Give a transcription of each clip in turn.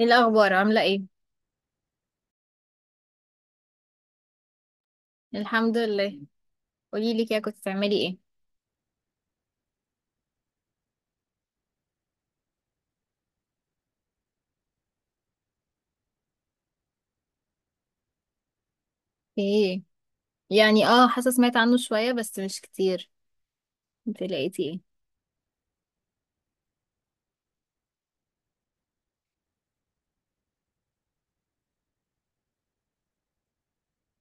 ايه الاخبار؟ عامله ايه؟ الحمد لله. قولي لي كده، كنت بتعملي ايه؟ ايه يعني، اه حاسه سمعت عنه شويه بس مش كتير. انت لقيتي ايه؟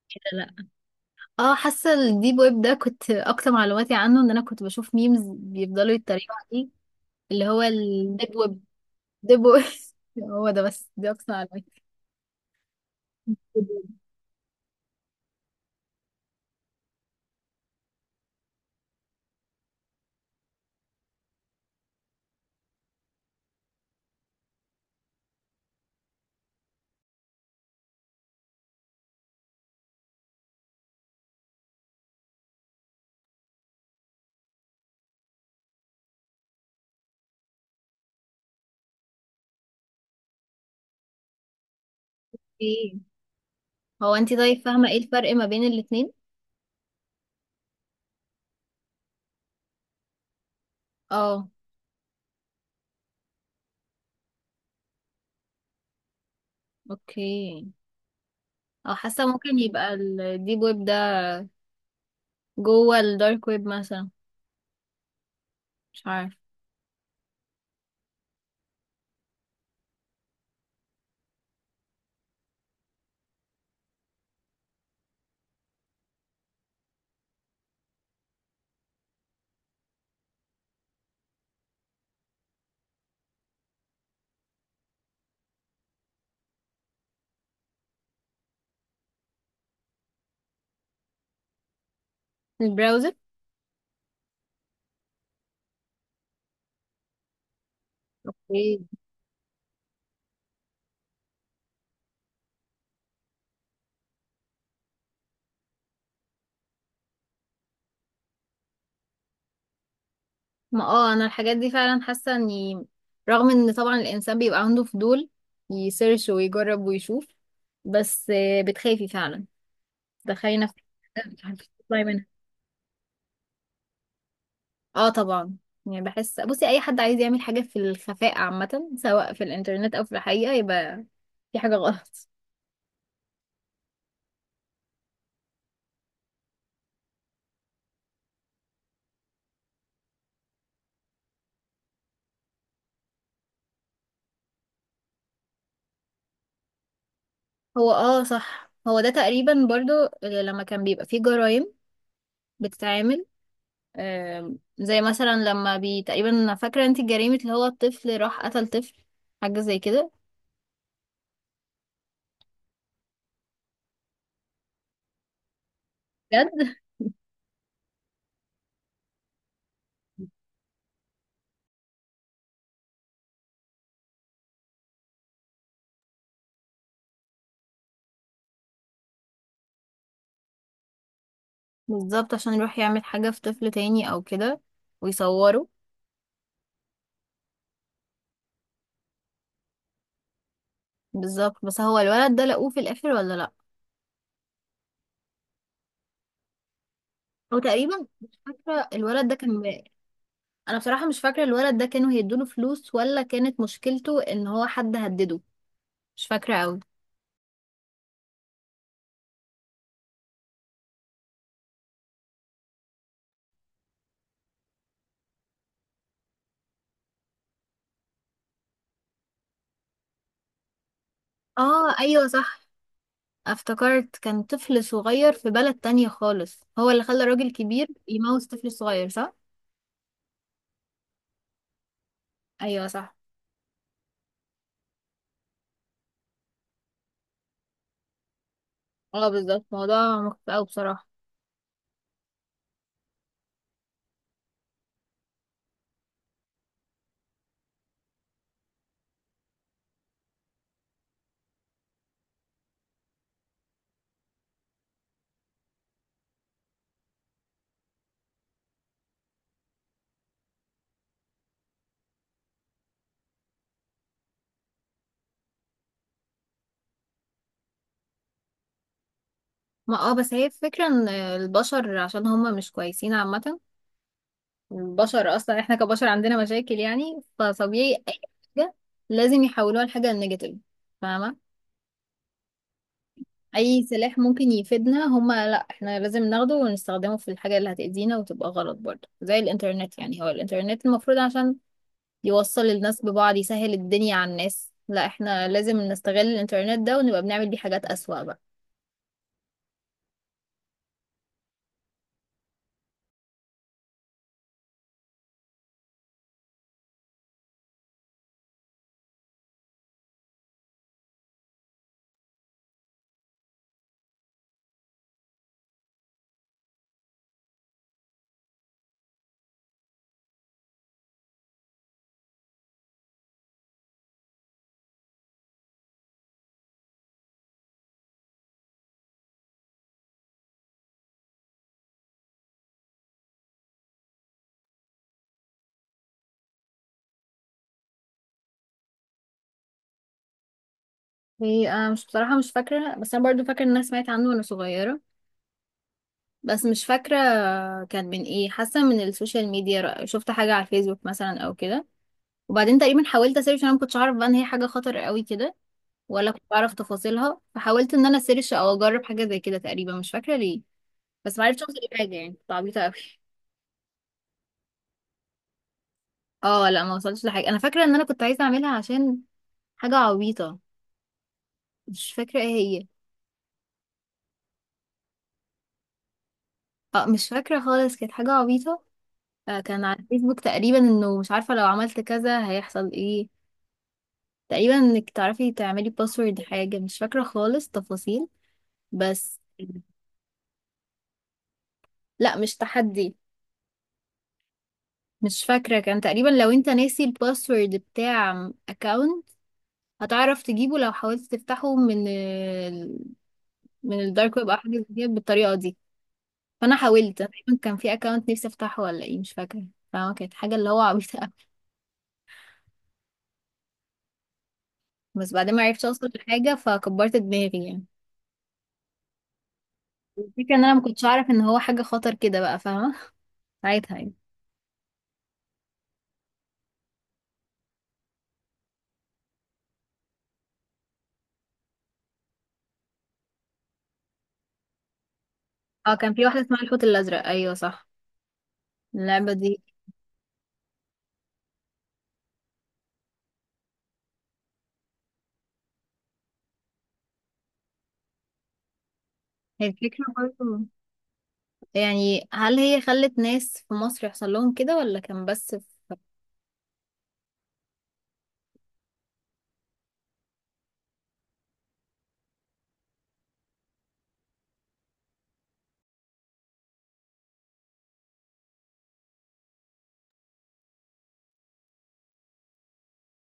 كده لا. اه حاسه الديب ويب ده كنت اكتر معلوماتي عنه ان انا كنت بشوف ميمز بيفضلوا يتريقوا عليه، اللي هو الديب ويب. ديب ويب. هو ده بس، دي اكتر معلوماتي. ديب ويب. ايه. هو انت طيب فاهمه ايه الفرق ما بين الاتنين؟ اه. اوكي. اه حاسه ممكن يبقى الديب ويب ده جوه الدارك ويب مثلا، مش عارف. البراوزر. ايه؟ ما اه انا الحاجات دي فعلا حاسه اني، رغم ان طبعا الانسان بيبقى عنده فضول يسيرش ويجرب ويشوف، بس بتخافي فعلا. تخيلي نفسك مش عارفه تطلعي منها. اه طبعا. يعني بحس، بصي اي حد عايز يعمل حاجه في الخفاء عامه، سواء في الانترنت او في الحقيقه، يبقى في حاجه غلط. هو اه صح، هو ده تقريبا برضو لما كان بيبقى فيه جرائم بتتعمل. زي مثلا لما بي تقريبا، فاكرة انت جريمة اللي هو الطفل راح قتل طفل، حاجة زي كده. بجد. بالظبط، عشان يروح يعمل حاجة في طفل تاني او كده ويصوره. بالظبط. بس هو الولد ده لقوه في الاخر ولا لا؟ او تقريبا مش فاكرة الولد ده كان بقى. انا بصراحة مش فاكرة الولد ده كانوا هيدوله فلوس ولا كانت مشكلته ان هو حد هدده. مش فاكرة اوي. اه ايوه صح، افتكرت. كان طفل صغير في بلد تانية خالص هو اللي خلى راجل كبير يموت طفل صغير، صح؟ ايوه صح. اه بالظبط، موضوع مخيف اوي بصراحه. ما اه بس هي الفكره ان البشر عشان هما مش كويسين عامه. البشر اصلا احنا كبشر عندنا مشاكل، يعني فطبيعي اي حاجه لازم يحولوها لحاجه نيجاتيف، فاهمه؟ اي سلاح ممكن يفيدنا هما لا، احنا لازم ناخده ونستخدمه في الحاجه اللي هتأذينا وتبقى غلط، برضه زي الانترنت. يعني هو الانترنت المفروض عشان يوصل الناس ببعض، يسهل الدنيا على الناس، لا احنا لازم نستغل الانترنت ده ونبقى بنعمل بيه حاجات اسوأ بقى. هي انا مش بصراحة مش فاكرة، بس انا برضو فاكرة ان انا سمعت عنه وانا صغيرة، بس مش فاكرة كان من ايه. حاسة من السوشيال ميديا شفت حاجة على الفيسبوك مثلا او كده، وبعدين تقريبا حاولت اسيرش. انا ما كنتش اعرف بقى ان هي حاجة خطر قوي كده ولا كنت اعرف تفاصيلها، فحاولت ان انا اسيرش او اجرب حاجة زي كده. تقريبا مش فاكرة ليه، بس ما عرفتش اوصل لحاجة. يعني كنت عبيطة قوي. اه لا ما وصلتش لحاجة. انا فاكرة ان انا كنت عايزة اعملها عشان حاجة عبيطة، مش فاكرة ايه هي. اه مش فاكرة خالص، كانت حاجة عبيطة. كان على الفيسبوك تقريبا انه مش عارفة لو عملت كذا هيحصل ايه. تقريبا انك تعرفي تعملي باسورد، حاجة مش فاكرة خالص تفاصيل بس. لا مش تحدي. مش فاكرة، كان تقريبا لو انت ناسي الباسورد بتاع اكاونت هتعرف تجيبه لو حاولت تفتحه من ال... من الدارك ويب او حاجة زي كده، بالطريقة دي. فانا حاولت. أنا تقريبا كان في اكاونت نفسي افتحه ولا ايه، مش فاكرة. فكانت حاجة اللي هو عبيطة أوي. بس بعدين ما عرفتش اوصل لحاجة، فكبرت دماغي يعني. الفكرة ان انا ما كنتش اعرف ان هو حاجة خطر كده بقى، فاهمة؟ ساعتها يعني. اه كان في واحدة اسمها الحوت الازرق، ايوه صح، اللعبة دي. هي الفكرة برضه، يعني هل هي خلت ناس في مصر يحصل لهم كده ولا كان بس في...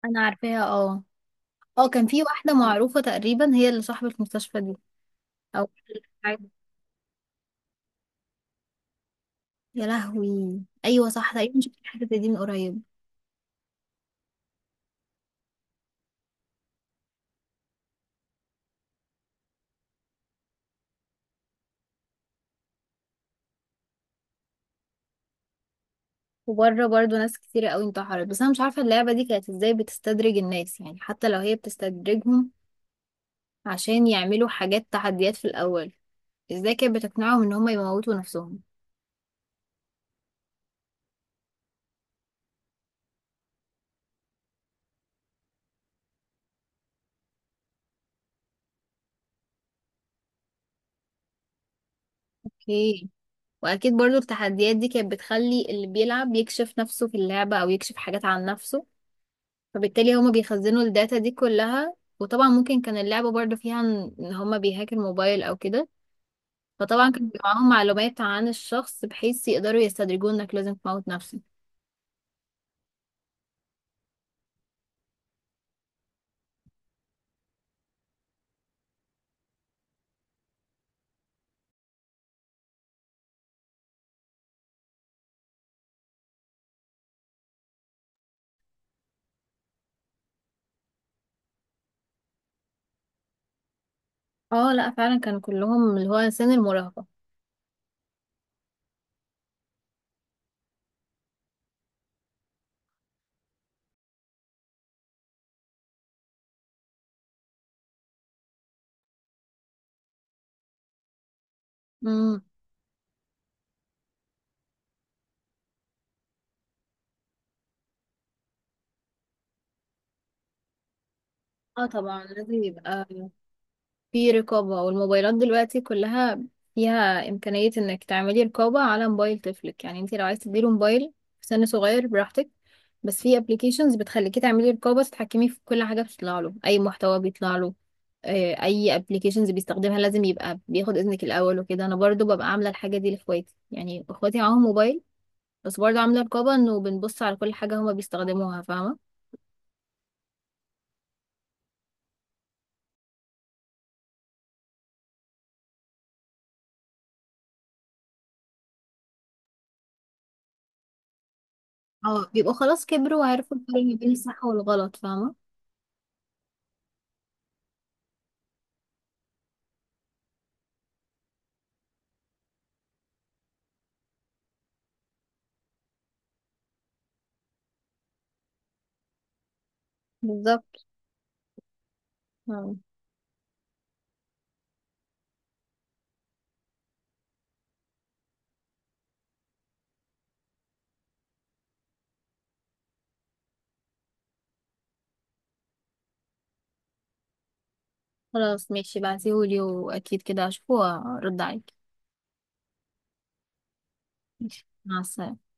انا عارفاها، اه. اه كان في واحدة معروفة تقريبا هي اللي صاحبة المستشفى دي، او يا لهوي ايوه صح، تقريبا شفت الحتة دي من قريب. وبره برضه ناس كتيرة قوي انتحرت، بس انا مش عارفة اللعبة دي كانت ازاي بتستدرج الناس، يعني حتى لو هي بتستدرجهم عشان يعملوا حاجات تحديات في الأول، ازاي كانت بتقنعهم ان هما يموتوا نفسهم؟ اوكي. واكيد برضو التحديات دي كانت بتخلي اللي بيلعب يكشف نفسه في اللعبة او يكشف حاجات عن نفسه، فبالتالي هما بيخزنوا الداتا دي كلها، وطبعا ممكن كان اللعبة برضو فيها ان إن هما بيهاك الموبايل او كده، فطبعا كان بيبقى معاهم معلومات عن الشخص بحيث يقدروا يستدرجوه انك لازم تموت نفسك. اه لا فعلا كانوا كلهم اللي هو سن المراهقة. امم. اه طبعا لازم يبقى في رقابة. والموبايلات دلوقتي كلها فيها إمكانية إنك تعملي رقابة على موبايل طفلك. يعني انت لو عايز تديله موبايل في سن صغير براحتك، بس في ابلكيشنز بتخليكي تعملي رقابة، تتحكمي في كل حاجة بتطلع له، أي محتوى بيطلع له. أي ابلكيشنز بيستخدمها لازم يبقى بياخد إذنك الأول وكده. أنا برضو ببقى عاملة الحاجة دي لإخواتي، يعني إخواتي معاهم موبايل بس برضو عاملة رقابة، إنه بنبص على كل حاجة هما بيستخدموها، فاهمة؟ اه بيبقوا خلاص كبروا وعرفوا الفرق ما بين الصح والغلط، فاهمة؟ بالظبط. خلاص ماشي، بعتيهولي واكيد كده هشوفه وارد عليك. ماشي، مع السلامة.